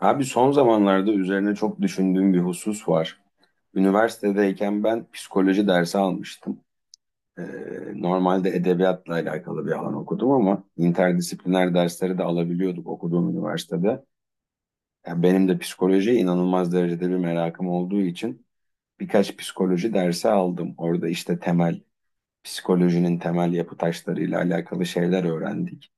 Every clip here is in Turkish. Abi son zamanlarda üzerine çok düşündüğüm bir husus var. Üniversitedeyken ben psikoloji dersi almıştım. Ee, normalde edebiyatla alakalı bir alan okudum ama interdisipliner dersleri de alabiliyorduk okuduğum üniversitede. Yani benim de psikolojiye inanılmaz derecede bir merakım olduğu için birkaç psikoloji dersi aldım. Orada işte temel, psikolojinin temel yapı taşlarıyla alakalı şeyler öğrendik.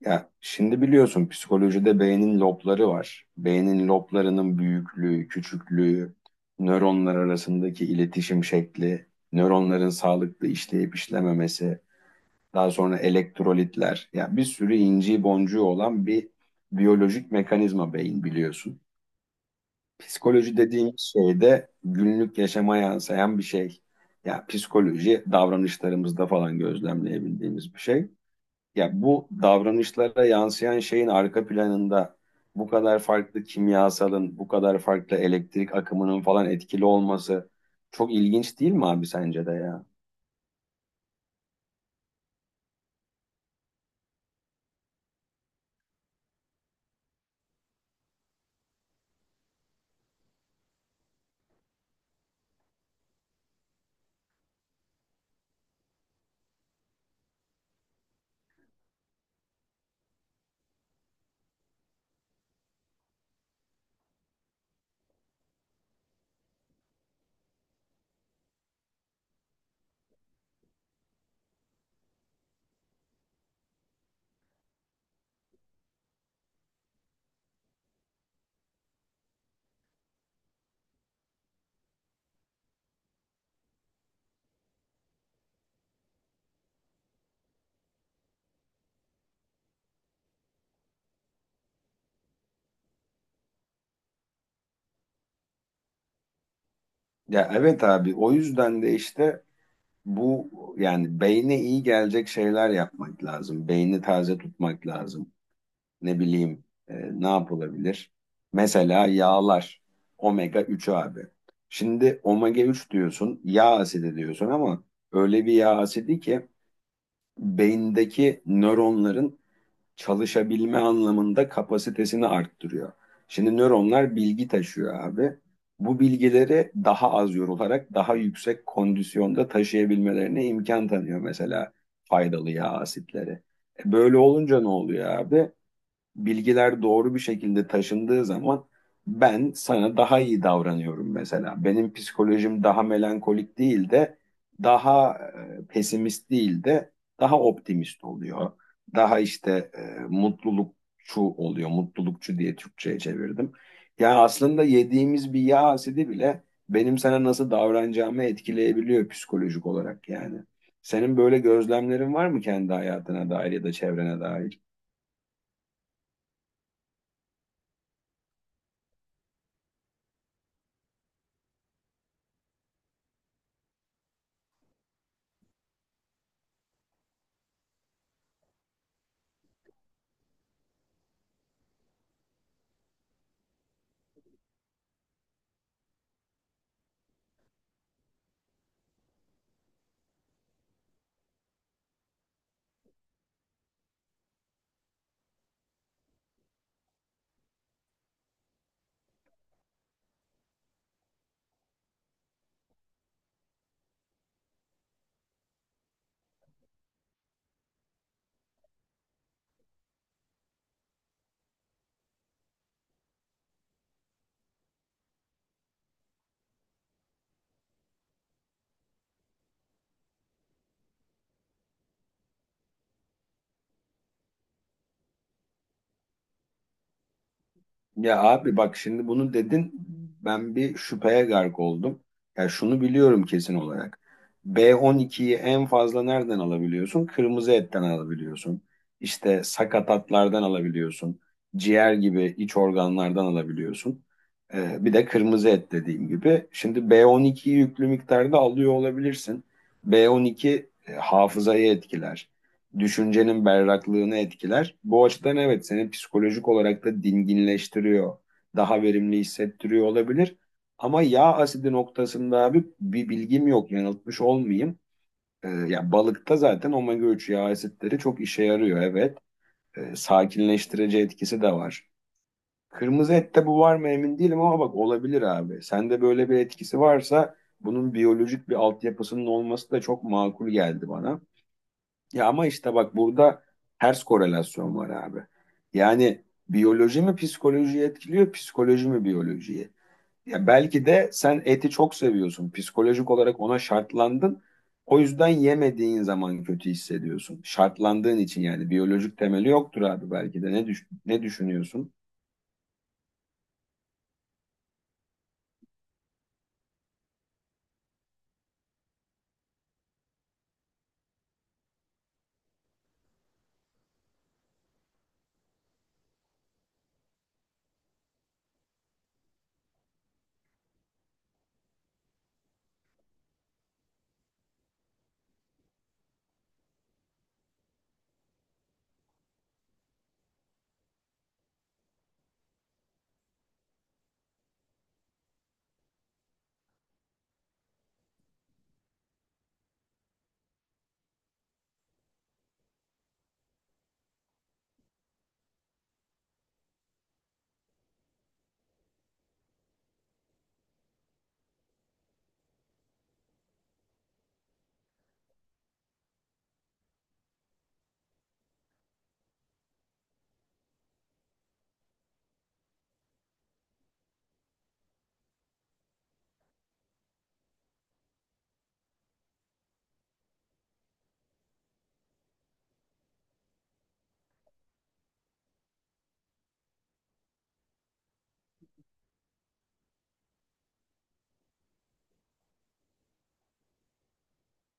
Ya şimdi biliyorsun psikolojide beynin lobları var. Beynin loblarının büyüklüğü, küçüklüğü, nöronlar arasındaki iletişim şekli, nöronların sağlıklı işleyip işlememesi, daha sonra elektrolitler. Ya bir sürü inci boncuğu olan bir biyolojik mekanizma beyin biliyorsun. Psikoloji dediğin şey de günlük yaşama yansıyan bir şey. Ya psikoloji davranışlarımızda falan gözlemleyebildiğimiz bir şey. Ya bu davranışlara yansıyan şeyin arka planında bu kadar farklı kimyasalın, bu kadar farklı elektrik akımının falan etkili olması çok ilginç değil mi abi sence de ya? Ya evet abi o yüzden de işte bu yani beyne iyi gelecek şeyler yapmak lazım. Beyni taze tutmak lazım. Ne bileyim ne yapılabilir? Mesela yağlar omega 3 abi. Şimdi omega 3 diyorsun, yağ asidi diyorsun ama öyle bir yağ asidi ki beyindeki nöronların çalışabilme anlamında kapasitesini arttırıyor. Şimdi nöronlar bilgi taşıyor abi. Bu bilgileri daha az yorularak daha yüksek kondisyonda taşıyabilmelerine imkan tanıyor mesela faydalı yağ asitleri. E böyle olunca ne oluyor abi? Bilgiler doğru bir şekilde taşındığı zaman ben sana daha iyi davranıyorum mesela. Benim psikolojim daha melankolik değil de daha pesimist değil de daha optimist oluyor. Daha işte mutlulukçu oluyor. Mutlulukçu diye Türkçe'ye çevirdim. Yani aslında yediğimiz bir yağ asidi bile benim sana nasıl davranacağımı etkileyebiliyor psikolojik olarak yani. Senin böyle gözlemlerin var mı kendi hayatına dair ya da çevrene dair? Ya abi bak şimdi bunu dedin ben bir şüpheye gark oldum. Ya şunu biliyorum kesin olarak. B12'yi en fazla nereden alabiliyorsun? Kırmızı etten alabiliyorsun. İşte sakatatlardan alabiliyorsun. Ciğer gibi iç organlardan alabiliyorsun. Bir de kırmızı et dediğim gibi. Şimdi B12'yi yüklü miktarda alıyor olabilirsin. B12 hafızayı etkiler, düşüncenin berraklığını etkiler. Bu açıdan evet seni psikolojik olarak da dinginleştiriyor. Daha verimli hissettiriyor olabilir. Ama yağ asidi noktasında abi bir bilgim yok yanıltmış olmayayım. Ya balıkta zaten omega 3 yağ asitleri çok işe yarıyor evet. Sakinleştirici etkisi de var. Kırmızı ette bu var mı emin değilim ama bak olabilir abi. Sende böyle bir etkisi varsa bunun biyolojik bir altyapısının olması da çok makul geldi bana. Ya ama işte bak burada ters korelasyon var abi. Yani biyoloji mi psikolojiyi etkiliyor, psikoloji mi biyolojiyi? Ya belki de sen eti çok seviyorsun. Psikolojik olarak ona şartlandın. O yüzden yemediğin zaman kötü hissediyorsun. Şartlandığın için yani biyolojik temeli yoktur abi belki de. Ne düşünüyorsun?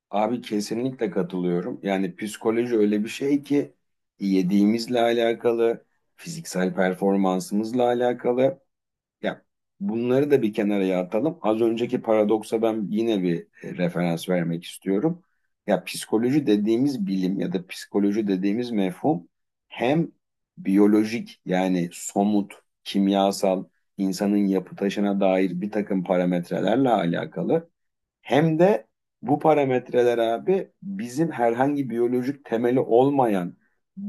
Abi kesinlikle katılıyorum. Yani psikoloji öyle bir şey ki yediğimizle alakalı, fiziksel performansımızla alakalı. Ya bunları da bir kenara atalım. Az önceki paradoksa ben yine bir referans vermek istiyorum. Ya psikoloji dediğimiz bilim ya da psikoloji dediğimiz mefhum hem biyolojik yani somut, kimyasal, insanın yapı taşına dair bir takım parametrelerle alakalı hem de bu parametreler abi bizim herhangi biyolojik temeli olmayan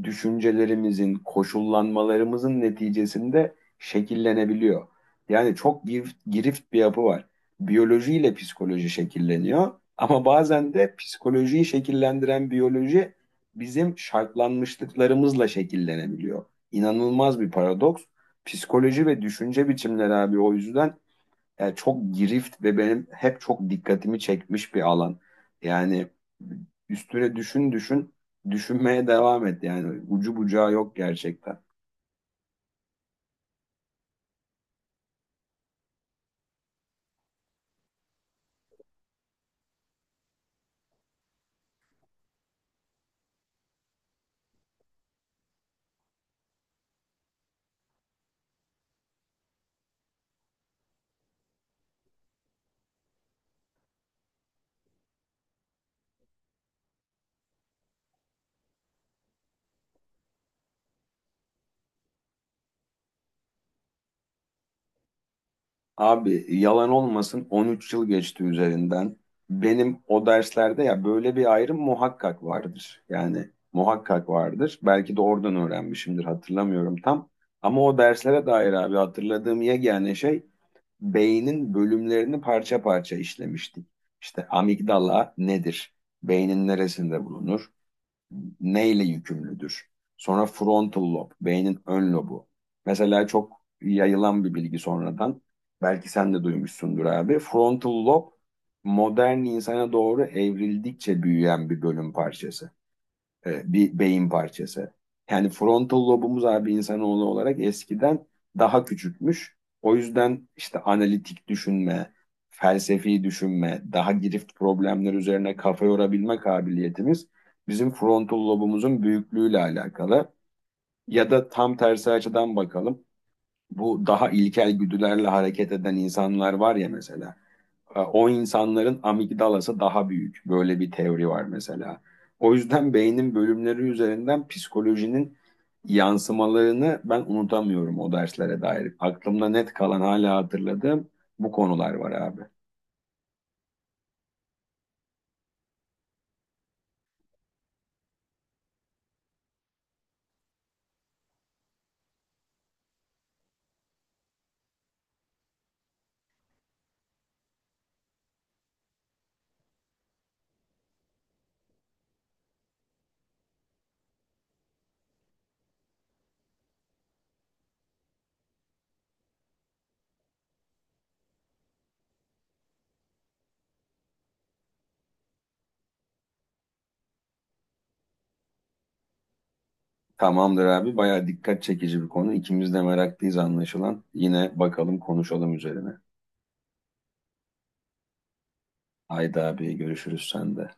düşüncelerimizin, koşullanmalarımızın neticesinde şekillenebiliyor. Yani çok girift, girift bir yapı var. Biyolojiyle psikoloji şekilleniyor ama bazen de psikolojiyi şekillendiren biyoloji bizim şartlanmışlıklarımızla şekillenebiliyor. İnanılmaz bir paradoks. Psikoloji ve düşünce biçimleri abi o yüzden yani çok girift ve benim hep çok dikkatimi çekmiş bir alan. Yani üstüne düşün düşün, düşünmeye devam et. Yani ucu bucağı yok gerçekten. Abi yalan olmasın 13 yıl geçti üzerinden. Benim o derslerde ya böyle bir ayrım muhakkak vardır. Yani muhakkak vardır. Belki de oradan öğrenmişimdir hatırlamıyorum tam. Ama o derslere dair abi hatırladığım yegane şey beynin bölümlerini parça parça işlemiştik. İşte amigdala nedir? Beynin neresinde bulunur? Neyle yükümlüdür? Sonra frontal lob, beynin ön lobu. Mesela çok yayılan bir bilgi sonradan. Belki sen de duymuşsundur abi. Frontal lob modern insana doğru evrildikçe büyüyen bir bölüm parçası bir beyin parçası. Yani frontal lobumuz abi insanoğlu olarak eskiden daha küçükmüş. O yüzden işte analitik düşünme, felsefi düşünme, daha girift problemler üzerine kafa yorabilme kabiliyetimiz bizim frontal lobumuzun büyüklüğüyle alakalı. Ya da tam tersi açıdan bakalım. Bu daha ilkel güdülerle hareket eden insanlar var ya mesela o insanların amigdalası daha büyük. Böyle bir teori var mesela. O yüzden beynin bölümleri üzerinden psikolojinin yansımalarını ben unutamıyorum o derslere dair. Aklımda net kalan hala hatırladığım bu konular var abi. Tamamdır abi bayağı dikkat çekici bir konu. İkimiz de meraklıyız anlaşılan. Yine bakalım konuşalım üzerine. Haydi abi görüşürüz sende.